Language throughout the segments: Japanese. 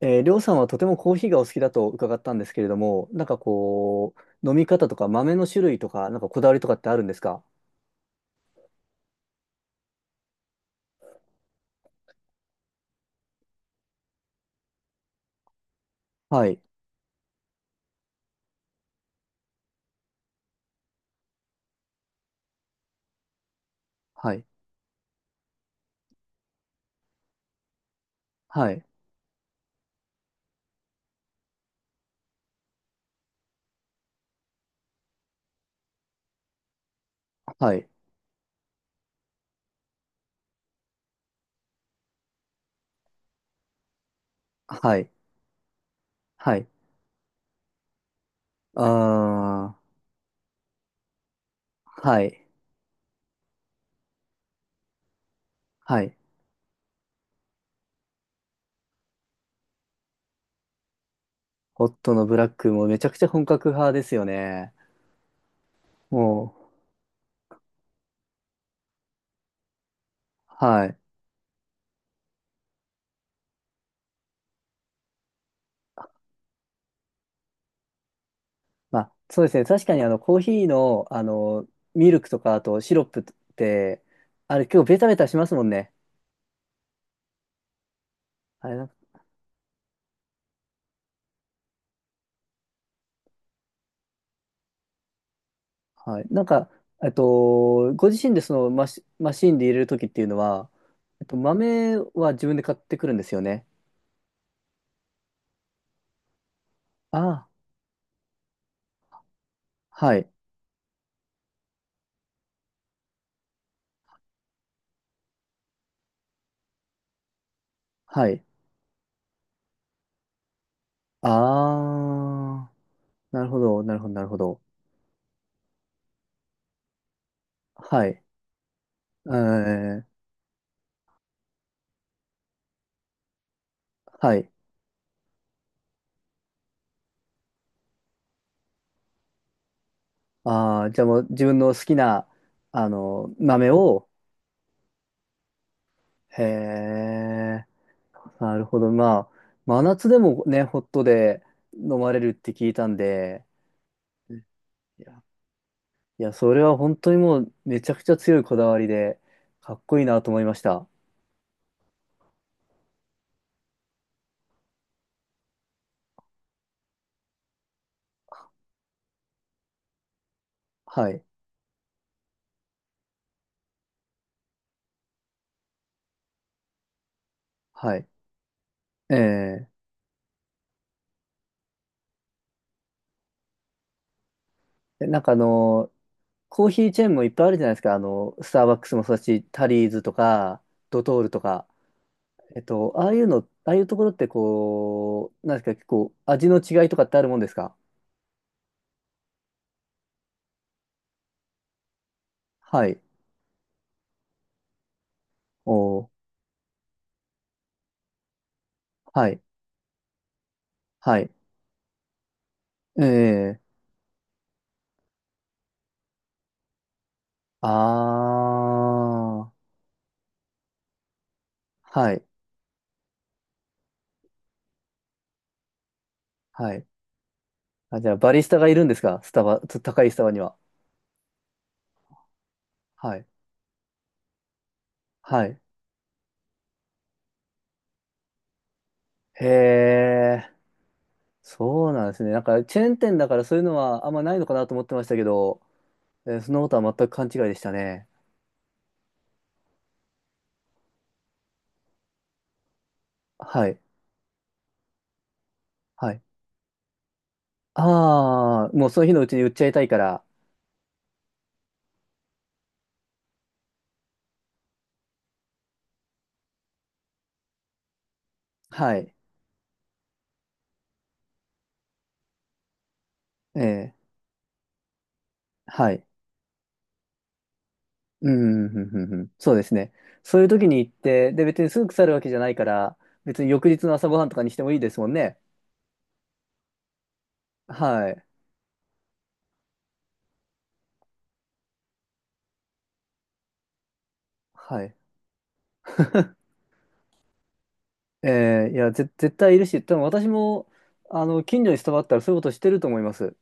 りょうさんはとてもコーヒーがお好きだと伺ったんですけれども、なんかこう、飲み方とか豆の種類とか、なんかこだわりとかってあるんですか？はい、はい、はい、はい、はい、はい、あー、はい、はい。ホットのブラックもめちゃくちゃ本格派ですよね。もう、はい。まあ、そうですね。確かにあの、コーヒーの、あの、ミルクとか、あとシロップって、あれ結構ベタベタしますもんね。あれ。はい。なんか、ご自身でそのマシーンで入れるときっていうのは、豆は自分で買ってくるんですよね。ああ、はい。はい。ああ、なるほど、なるほど、なるほど。はい。えー、はい。ああ、じゃあもう自分の好きな、あの、豆を、へえ、なるほど。まあ、真夏でもね、ホットで飲まれるって聞いたんで、うん。いやいや、それは本当にもうめちゃくちゃ強いこだわりで、かっこいいなと思いました。はい。はい。えええなんかあの、コーヒーチェーンもいっぱいあるじゃないですか。あの、スターバックスもそうだし、タリーズとか、ドトールとか。ああいうの、ああいうところってこう、なんですか、結構味の違いとかってあるもんですか？はい。おー、はい。はい。ええ。あー、はい。はい。あ、じゃあ、バリスタがいるんですか、スタバ、高いスタバには？はい。はい。へえ、そうなんですね。なんか、チェーン店だからそういうのはあんまないのかなと思ってましたけど、そんなことは全く勘違いでしたね。はい。はい。ああ、もうその日のうちに売っちゃいたいから。はい。ええ、はい。うん、うん、うん、うん。そうですね。そういう時に行って、で、別にすぐ腐るわけじゃないから、別に翌日の朝ごはんとかにしてもいいですもんね。はい。はい。ええ、いや、絶対いるし、多分私も、あの、近所にスタバあったらそういうことしてると思います。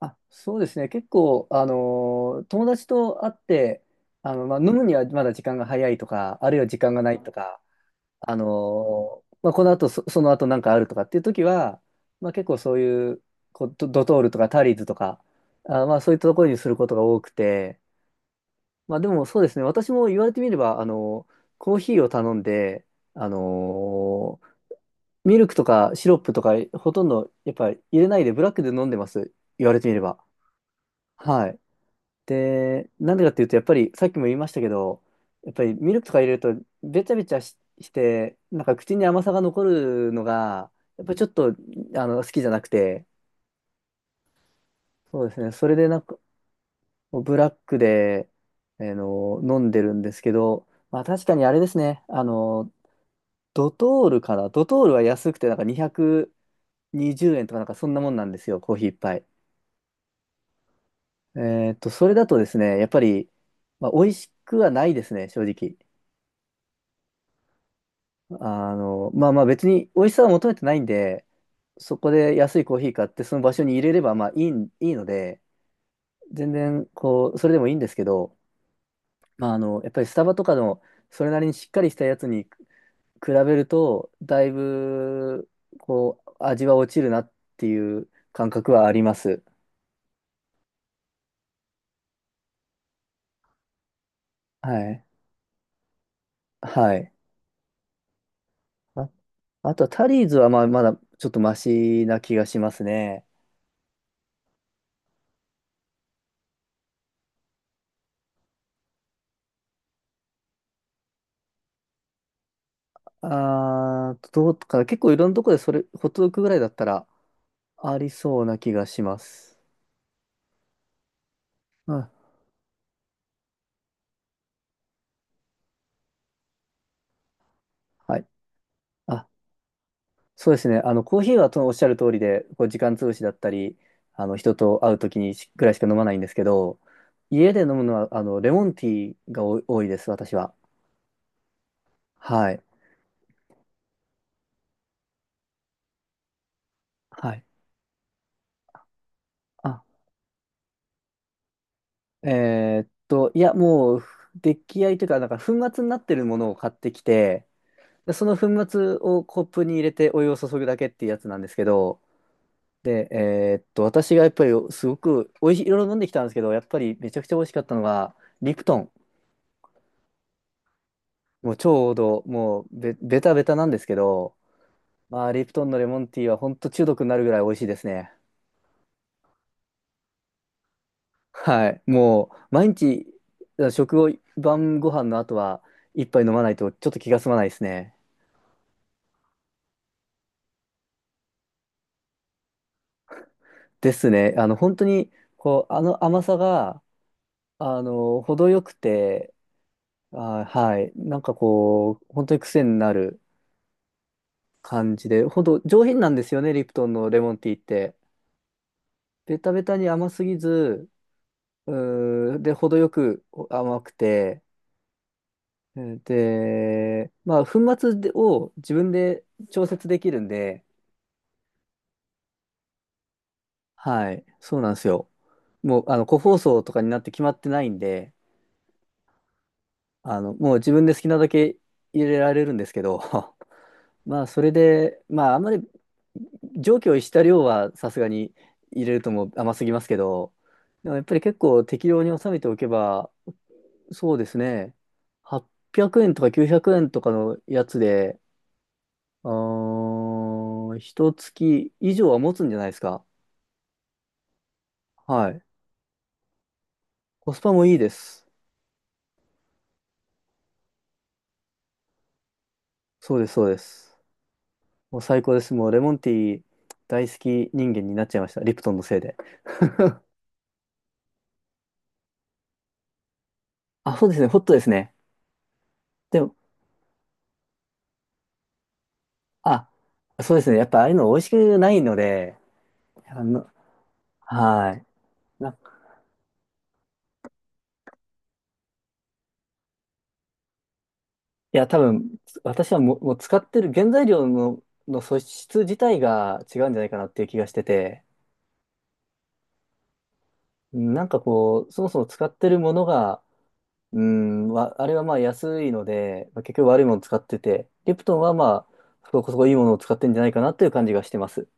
あ、そうですね。結構、友達と会って、あの、まあ、飲むにはまだ時間が早いとか、あるいは時間がないとか、まあ、この後その後なんかあるとかっていう時は、まあ、結構そういう、こう、ドトールとかタリーズとか、あ、まあ、そういったところにすることが多くて、まあ、でもそうですね。私も言われてみれば、あのコーヒーを頼んで、あのーミルクとかシロップとか、ほとんどやっぱり入れないでブラックで飲んでます。言われてみれば。はい。で、なんでかっていうと、やっぱりさっきも言いましたけど、やっぱりミルクとか入れると、べちゃべちゃして、なんか口に甘さが残るのが、やっぱりちょっとあの好きじゃなくて、そうですね、それでなんかブラックで、あの飲んでるんですけど、まあ確かにあれですね、あの、ドトールかな、ドトールは安くて、なんか220円とか、なんかそんなもんなんですよ、コーヒー一杯。それだとですね、やっぱり、まあ、美味しくはないですね、正直。あの、まあまあ別に美味しさは求めてないんで、そこで安いコーヒー買ってその場所に入れればまあいいので、全然こう、それでもいいんですけど、まああの、やっぱりスタバとかのそれなりにしっかりしたやつに比べると、だいぶこう、味は落ちるなっていう感覚はあります。はい。はい。あ、あとはタリーズはまあまだちょっとマシな気がしますね。あー、どうかな。結構いろんなとこでそれ、ホットドッグぐらいだったら、ありそうな気がします。あ、はい。あ、そうですね。あの、コーヒーはとおっしゃる通りで、こう時間潰しだったり、あの、人と会うときにしぐらいしか飲まないんですけど、家で飲むのは、あの、レモンティーがお多いです、私は。はい。はい。あ、いや、もう、出来合いというか、なんか粉末になってるものを買ってきて、でその粉末をコップに入れてお湯を注ぐだけっていうやつなんですけど、で、私がやっぱりすごくおいしい、いろいろ飲んできたんですけど、やっぱりめちゃくちゃ美味しかったのが、リプトン。もうちょうど、もうベタベタなんですけど、まあ、リプトンのレモンティーは本当中毒になるぐらい美味しいですね。はい。もう、毎日、食後、晩ご飯の後は、一杯飲まないとちょっと気が済まないですね。ですね。あの、本当に、こう、あの甘さが、あの、程よくて、あ、はい。なんかこう、本当に癖になる感じで、ほんと上品なんですよね、リプトンのレモンティーって。ベタベタに甘すぎず、で、程よく甘くて、うんで、まあ、粉末を自分で調節できるんで、はい、そうなんですよ。もう、あの、個包装とかになって決まってないんで、あの、もう自分で好きなだけ入れられるんですけど、まあ、それで、まあ、あんまり常軌を逸した量はさすがに入れるともう甘すぎますけど、でもやっぱり結構適量に収めておけば、そうですね、800円とか900円とかのやつで、一月以上は持つんじゃないですか。はい。コスパもいいです。そうです、そうです。もう最高です。もうレモンティー大好き人間になっちゃいました。リプトンのせいで。あ、そうですね。ホットですね。でも、あ、そうですね。やっぱああいうの美味しくないので、あのはい。いや、多分、私はもう、使ってる原材料の素質自体が違うんじゃないかなっていう気がしてて、なんかこう、そもそも使ってるものが、うん、あれはまあ安いので、まあ結局悪いもの使ってて、リプトンはまあ、そこそこいいものを使ってんじゃないかなっていう感じがしてます。